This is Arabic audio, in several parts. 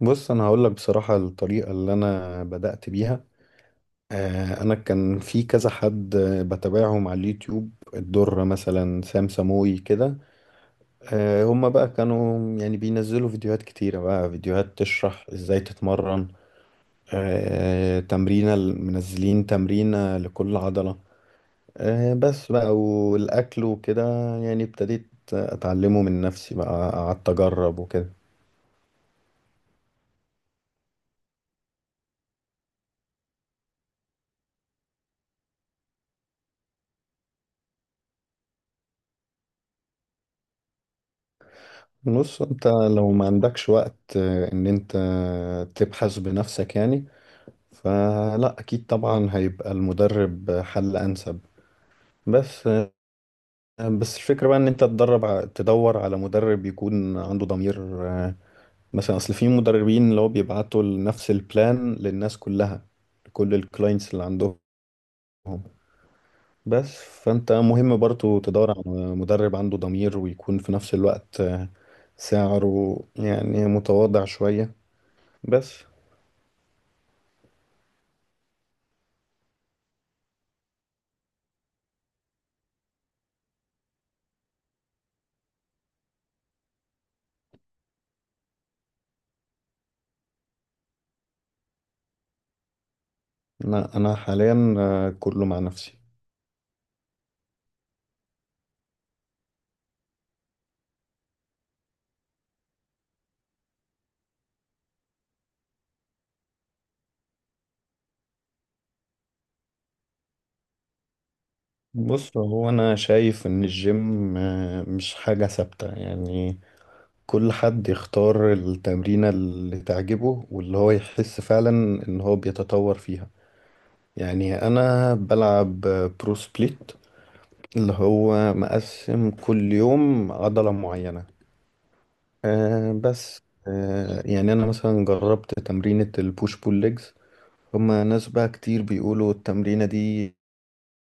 بص انا هقول لك بصراحه الطريقه اللي انا بدات بيها. انا كان في كذا حد بتابعهم على اليوتيوب، الدره مثلا، سام سموي كده. هما بقى كانوا يعني بينزلوا فيديوهات كتيره، بقى فيديوهات تشرح ازاي تتمرن. تمرينه، منزلين تمرينه لكل عضله. بس بقى، والاكل وكده، يعني ابتديت اتعلمه من نفسي، بقى قعدت اجرب وكده. بص انت لو ما عندكش وقت ان انت تبحث بنفسك يعني، فلا اكيد طبعا هيبقى المدرب حل انسب. بس آه، بس الفكرة بقى ان انت تدور على مدرب يكون عنده ضمير. مثلا اصل في مدربين اللي هو بيبعتوا نفس البلان للناس كلها، لكل الكلاينتس اللي عندهم. بس فانت مهم برضو تدور على مدرب عنده ضمير، ويكون في نفس الوقت سعره يعني متواضع شوية. بس. لا انا حاليا كله مع نفسي. بص هو انا شايف ان الجيم مش حاجة ثابتة، يعني كل حد يختار التمرينة اللي تعجبه واللي هو يحس فعلا ان هو بيتطور فيها. يعني انا بلعب برو سبليت، اللي هو مقسم كل يوم عضلة معينة. بس. يعني انا مثلا جربت تمرينة البوش بول ليجز، هما ناس بقى كتير بيقولوا التمرينة دي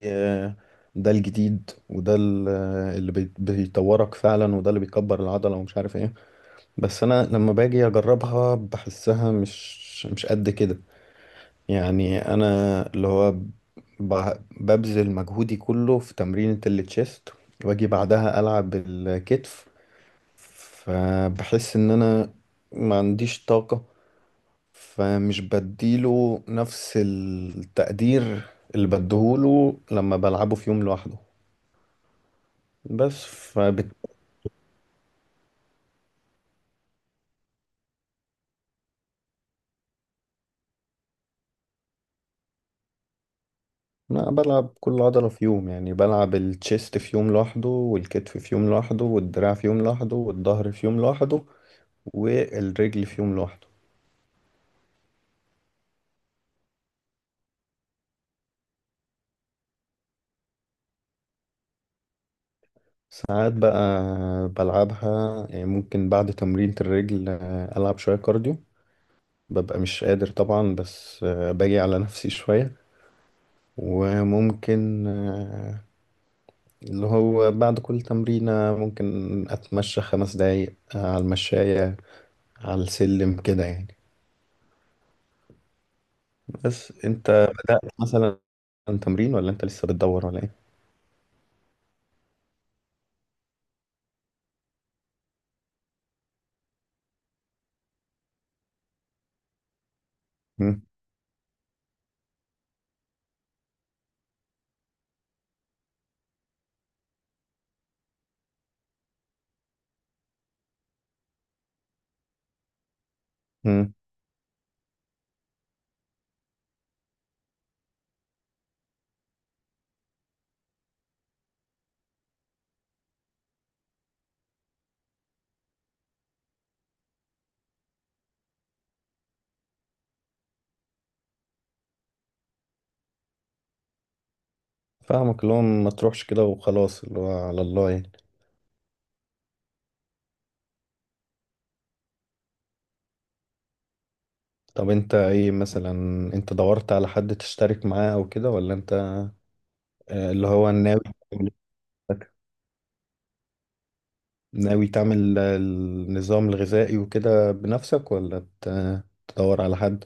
آه، ده الجديد، وده اللي بيطورك فعلا، وده اللي بيكبر العضلة ومش عارف ايه. بس انا لما باجي اجربها بحسها مش قد كده. يعني انا اللي هو ببذل مجهودي كله في تمرينة التشيست، واجي بعدها العب الكتف، فبحس ان انا ما عنديش طاقة، فمش بديله نفس التقدير اللي بديهوله لما بلعبه في يوم لوحده. بس لا، بلعب كل عضلة في يوم، يعني بلعب التشيست في يوم لوحده، والكتف في يوم لوحده، والدراع في يوم لوحده، والظهر في يوم لوحده، والرجل في يوم لوحده. ساعات بقى بلعبها، يعني ممكن بعد تمرينة الرجل ألعب شوية كارديو، ببقى مش قادر طبعا، بس باجي على نفسي شوية. وممكن اللي هو بعد كل تمرينة ممكن أتمشى 5 دقايق على المشاية، على السلم كده يعني. بس انت مثلا تمرين، ولا انت لسه بتدور، ولا ايه؟ مم. مم. فاهمك، اللي هو ما تروحش كده وخلاص، اللي هو على الله يعني. طب انت ايه مثلا؟ انت دورت على حد تشترك معاه او كده، ولا انت اللي هو ناوي تعمل- نفسك- ناوي تعمل النظام الغذائي وكده بنفسك، ولا تدور على حد؟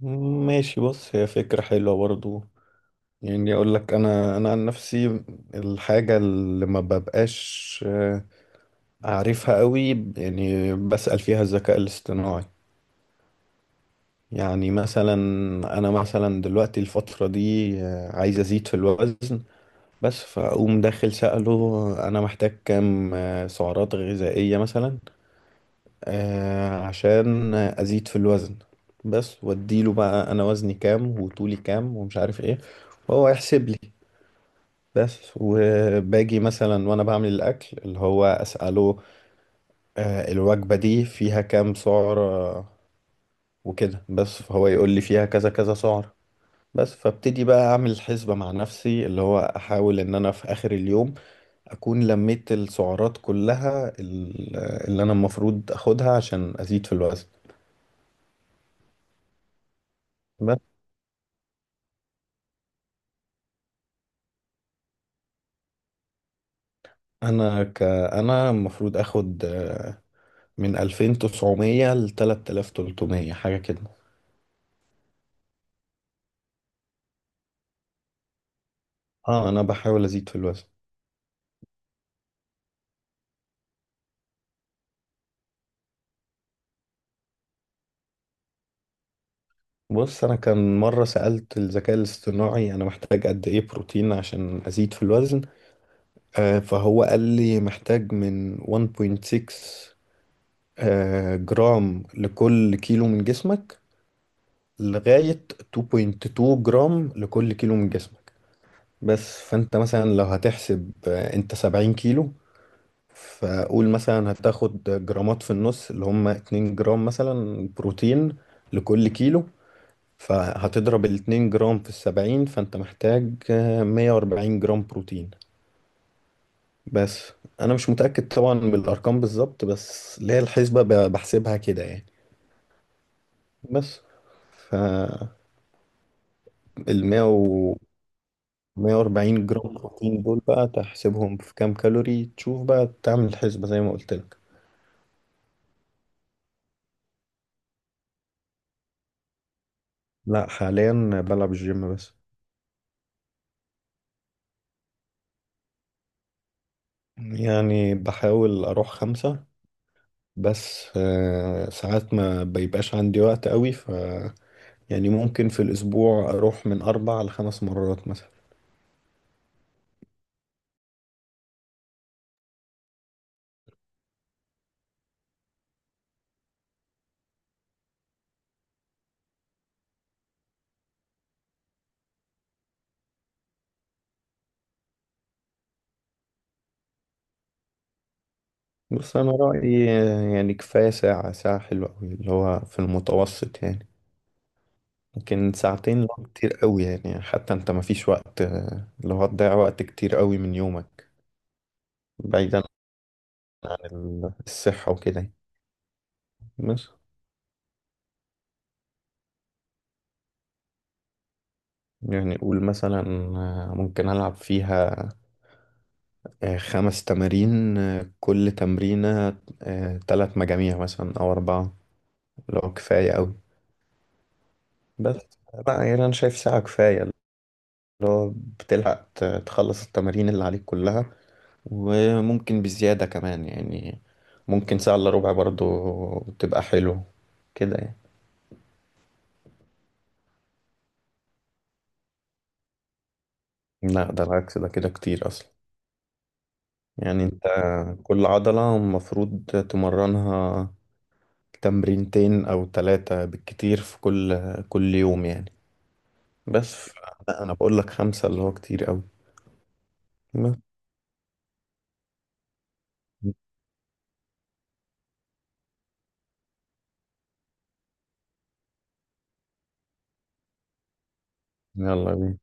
ماشي. بص هي فكرة حلوة برضو. يعني اقول لك، انا عن نفسي، الحاجة اللي ما ببقاش أعرفها قوي يعني بسأل فيها الذكاء الاصطناعي. يعني مثلا أنا مثلا دلوقتي الفترة دي عايز أزيد في الوزن، بس. فأقوم داخل سأله أنا محتاج كام سعرات غذائية مثلا، عشان أزيد في الوزن بس. وأديله بقى أنا وزني كام وطولي كام ومش عارف إيه، وهو يحسب لي بس. وباجي مثلا وأنا بعمل الأكل اللي هو أسأله الوجبة دي فيها كام سعر وكده، بس فهو يقول لي فيها كذا كذا سعر. بس فابتدي بقى اعمل حسبة مع نفسي، اللي هو احاول ان انا في اخر اليوم اكون لميت السعرات كلها، اللي انا المفروض اخدها عشان ازيد في الوزن. بس. انا المفروض اخد من 2900 ل 3300 حاجة كده. اه، انا بحاول ازيد في الوزن. بص، انا كان مرة سألت الذكاء الاصطناعي انا محتاج قد ايه بروتين عشان ازيد في الوزن، فهو قال لي محتاج من 1.6 جرام لكل كيلو من جسمك، لغاية 2.2 جرام لكل كيلو من جسمك. بس فانت مثلا لو هتحسب انت 70 كيلو، فقول مثلا هتاخد جرامات في النص اللي هم 2 جرام مثلا بروتين لكل كيلو، فهتضرب ال 2 جرام في ال 70، فانت محتاج 140 جرام بروتين بس. انا مش متأكد طبعا من الارقام بالظبط، بس اللي هي الحسبة بحسبها كده يعني. بس، فال 100 و 140 جرام بروتين دول بقى تحسبهم في كام كالوري، تشوف بقى تعمل الحسبة زي ما قلت لك. لا، حاليا بلعب الجيم بس. يعني بحاول اروح 5، بس ساعات ما بيبقاش عندي وقت قوي، ف يعني ممكن في الاسبوع اروح من 4 ل5 مرات مثلا. بص، انا رايي يعني كفايه ساعه، ساعه حلوه قوي اللي هو في المتوسط يعني. لكن ساعتين لو كتير قوي، يعني حتى انت ما فيش وقت، اللي هو هتضيع وقت كتير قوي من يومك، بعيدا عن الصحه وكده يعني. بس. يعني قول مثلا ممكن العب فيها 5 تمارين، كل تمرينه 3 مجاميع مثلا او 4، لو كفايه قوي. بس بقى، يعني انا شايف ساعه كفايه، اللي هو بتلحق تخلص التمارين اللي عليك كلها، وممكن بزيادة كمان يعني، ممكن ساعة إلا ربع برضو تبقى حلو كده يعني. لا، ده العكس، ده كده كتير أصلا. يعني أنت كل عضلة المفروض تمرنها تمرينتين أو 3 بالكتير في كل يوم يعني. بس لا، أنا بقول لك 5 اللي هو كتير أوي. بس. يلا بينا.